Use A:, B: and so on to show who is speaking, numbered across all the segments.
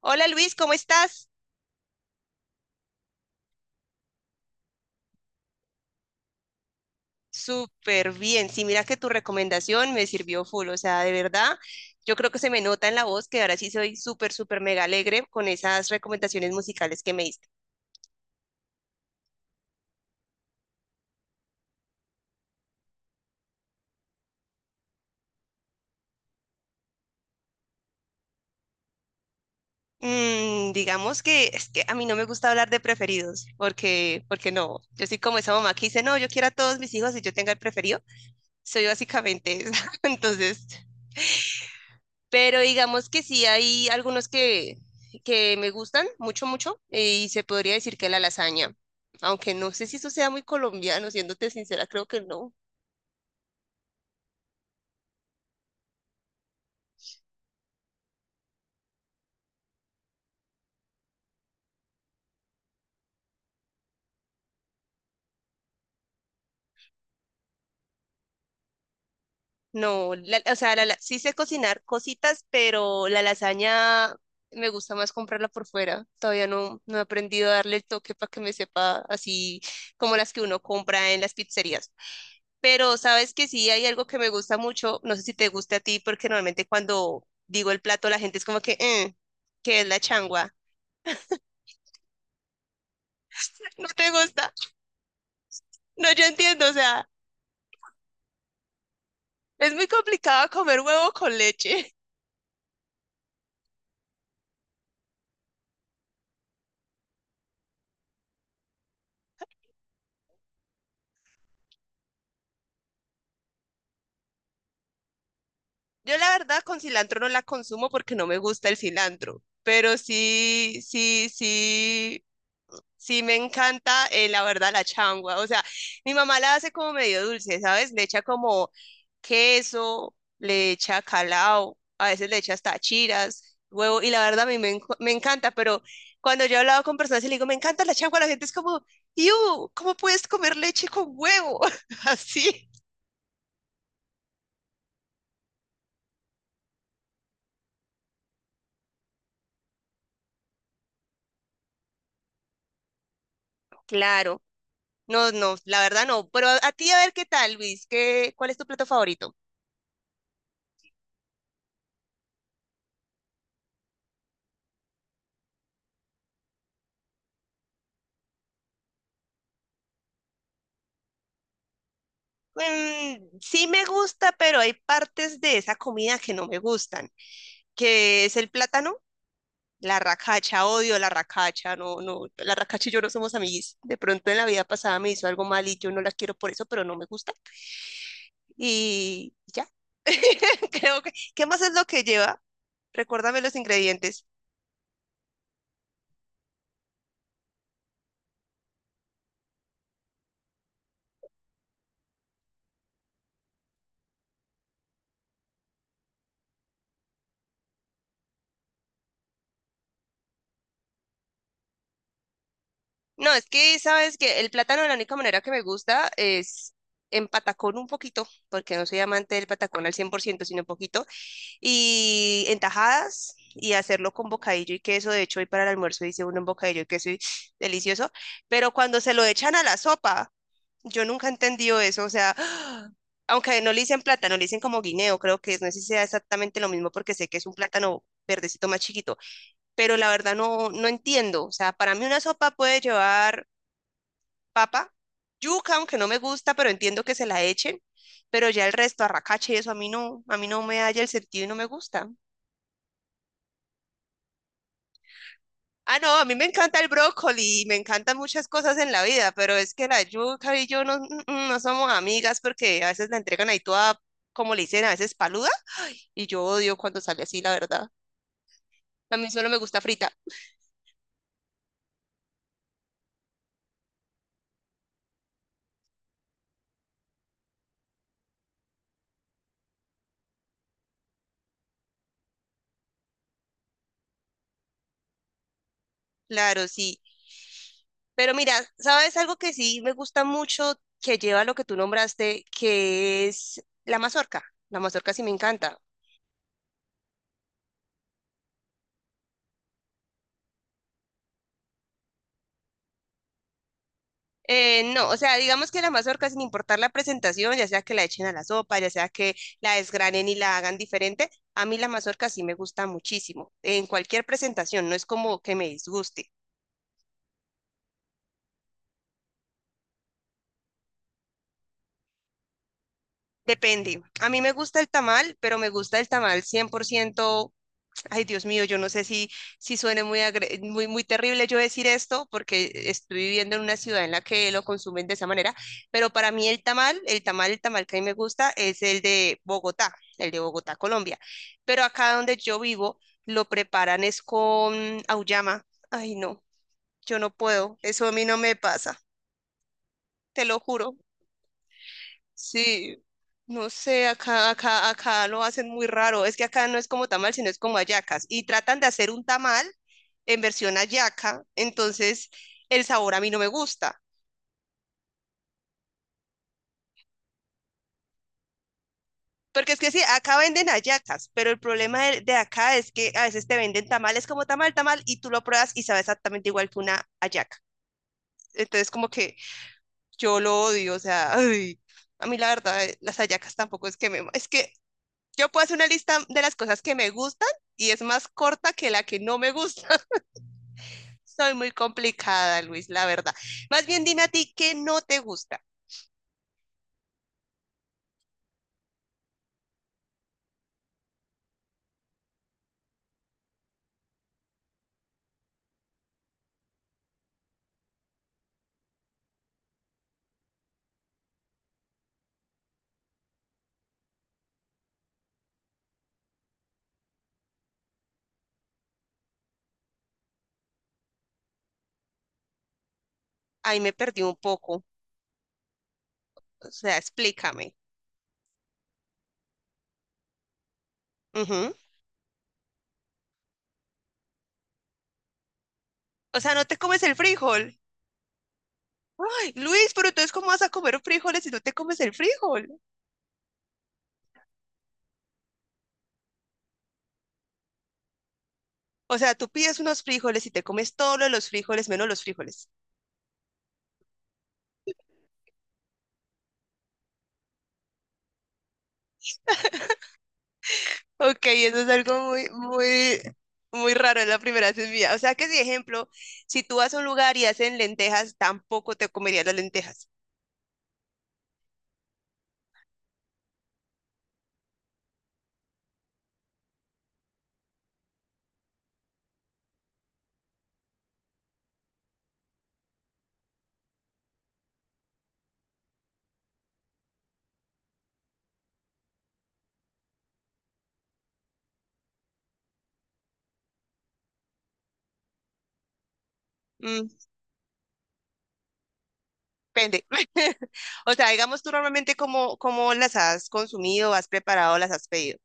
A: Hola Luis, ¿cómo estás? Súper bien. Sí, mira que tu recomendación me sirvió full. O sea, de verdad, yo creo que se me nota en la voz que ahora sí soy súper, súper mega alegre con esas recomendaciones musicales que me diste. Digamos que es que a mí no me gusta hablar de preferidos, porque no. Yo soy como esa mamá que dice, no, yo quiero a todos mis hijos y yo tenga el preferido. Soy básicamente esa. Entonces, pero digamos que sí hay algunos que me gustan mucho, y se podría decir que la lasaña, aunque no sé si eso sea muy colombiano, siéndote sincera, creo que no. No, sí sé cocinar cositas, pero la lasaña me gusta más comprarla por fuera. Todavía no he aprendido a darle el toque para que me sepa así como las que uno compra en las pizzerías. Pero sabes que sí hay algo que me gusta mucho, no sé si te guste a ti, porque normalmente cuando digo el plato la gente es como que, "Mm, ¿qué es la changua?" ¿No te gusta? No, yo entiendo, o sea, es muy complicado comer huevo con leche. Yo la verdad con cilantro no la consumo porque no me gusta el cilantro, pero sí, sí, sí. Sí, me encanta, la verdad, la changua. O sea, mi mamá la hace como medio dulce, ¿sabes? Le echa como queso, le echa calao, a veces le echa hasta chiras, huevo, y la verdad a me encanta, pero cuando yo he hablado con personas y le digo, me encanta la changua, la gente es como, ¡Iu! ¿Cómo puedes comer leche con huevo? Así. Claro. No, no, la verdad no. Pero a ti a ver qué tal, Luis, ¿qué, cuál es tu plato favorito? Mm, sí me gusta, pero hay partes de esa comida que no me gustan, que es el plátano, la racacha, odio la racacha, no, no, la racacha y yo no somos amiguis. De pronto en la vida pasada me hizo algo mal y yo no la quiero por eso, pero no me gusta. Y ya. Creo que, ¿qué más es lo que lleva? Recuérdame los ingredientes. No, es que sabes que el plátano, la única manera que me gusta es en patacón un poquito, porque no soy amante del patacón al 100% sino un poquito, y en tajadas y hacerlo con bocadillo y queso. De hecho, hoy para el almuerzo hice uno en bocadillo y queso y delicioso. Pero cuando se lo echan a la sopa, yo nunca he entendido eso. O sea, aunque no le dicen plátano, le dicen como guineo, creo que es, no sé si sea exactamente lo mismo porque sé que es un plátano verdecito más chiquito, pero la verdad no entiendo. O sea, para mí una sopa puede llevar papa, yuca, aunque no me gusta, pero entiendo que se la echen, pero ya el resto, arracache y eso a mí no me halla el sentido y no me gusta. Ah, no, a mí me encanta el brócoli y me encantan muchas cosas en la vida, pero es que la yuca y yo no, no somos amigas porque a veces la entregan ahí toda, como le dicen, a veces paluda y yo odio cuando sale así, la verdad. A mí solo me gusta frita, claro, sí. Pero mira, ¿sabes algo que sí me gusta mucho que lleva lo que tú nombraste, que es la mazorca? La mazorca sí me encanta. No, o sea, digamos que la mazorca, sin importar la presentación, ya sea que la echen a la sopa, ya sea que la desgranen y la hagan diferente, a mí la mazorca sí me gusta muchísimo, en cualquier presentación, no es como que me disguste. Depende. A mí me gusta el tamal, pero me gusta el tamal 100%. Ay, Dios mío, yo no sé si suene muy, muy terrible yo decir esto, porque estoy viviendo en una ciudad en la que lo consumen de esa manera, pero para mí el tamal que a mí me gusta es el de Bogotá, Colombia. Pero acá donde yo vivo, lo preparan es con auyama. Ay, no, yo no puedo, eso a mí no me pasa, te lo juro. Sí, no sé, acá lo hacen muy raro. Es que acá no es como tamal, sino es como hallacas. Y tratan de hacer un tamal en versión hallaca, entonces el sabor a mí no me gusta. Porque es que sí, acá venden hallacas, pero el problema de acá es que a veces te venden tamales como tamal, tamal, y tú lo pruebas y sabe exactamente igual que una hallaca. Entonces como que yo lo odio, o sea, ay, a mí la verdad, las hallacas tampoco es que me... Es que yo puedo hacer una lista de las cosas que me gustan y es más corta que la que no me gusta. Soy muy complicada, Luis, la verdad. Más bien dime a ti qué no te gusta. Ahí me perdí un poco. O sea, explícame. Ujú. O sea, no te comes el frijol. Ay, Luis, pero entonces, ¿cómo vas a comer frijoles si no te comes el frijol? O sea, tú pides unos frijoles y te comes todos los frijoles menos los frijoles. Ok, eso es algo muy raro, es la primera vez en mi vida. O sea que, si ejemplo, si tú vas a un lugar y hacen lentejas, tampoco te comerías las lentejas. Mm, depende. O sea, digamos tú normalmente cómo las has consumido, has preparado, las has pedido.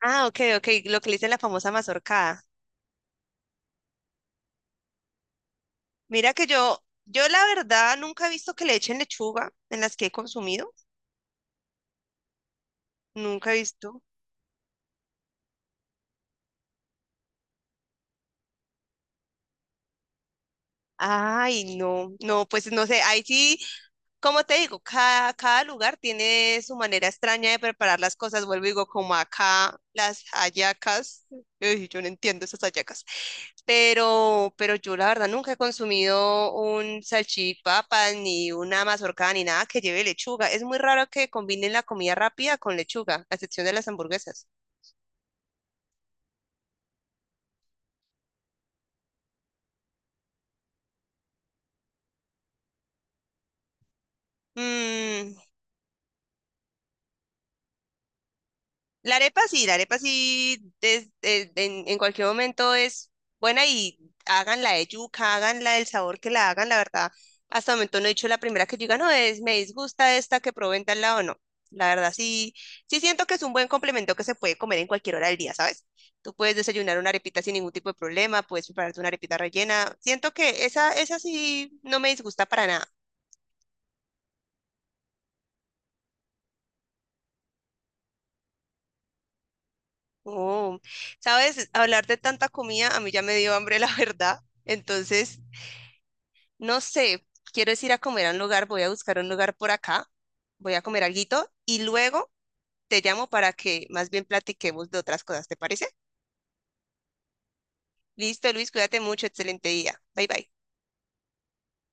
A: Ah, ok, ok, lo que le dicen la famosa mazorcada. Mira que yo la verdad nunca he visto que le echen lechuga en las que he consumido. Nunca he visto. Ay, no, no, pues no sé, ahí sí, como te digo, cada lugar tiene su manera extraña de preparar las cosas. Vuelvo y digo, como acá las hallacas, ey, yo no entiendo esas hallacas, pero yo la verdad nunca he consumido un salchipapa, ni una mazorca, ni nada que lleve lechuga. Es muy raro que combinen la comida rápida con lechuga, a excepción de las hamburguesas. Mm, la arepa sí, en cualquier momento es buena y háganla de yuca, háganla del sabor que la hagan, la verdad. Hasta el momento no he dicho la primera que diga, no, es, me disgusta esta que probé en tal lado, no. La verdad sí, sí siento que es un buen complemento que se puede comer en cualquier hora del día, ¿sabes? Tú puedes desayunar una arepita sin ningún tipo de problema, puedes prepararte una arepita rellena. Siento que esa sí no me disgusta para nada. Oh, sabes, hablar de tanta comida a mí ya me dio hambre, la verdad. Entonces, no sé, quiero es ir a comer a un lugar, voy a buscar un lugar por acá, voy a comer alguito y luego te llamo para que más bien platiquemos de otras cosas, ¿te parece? Listo, Luis, cuídate mucho, excelente día. Bye bye.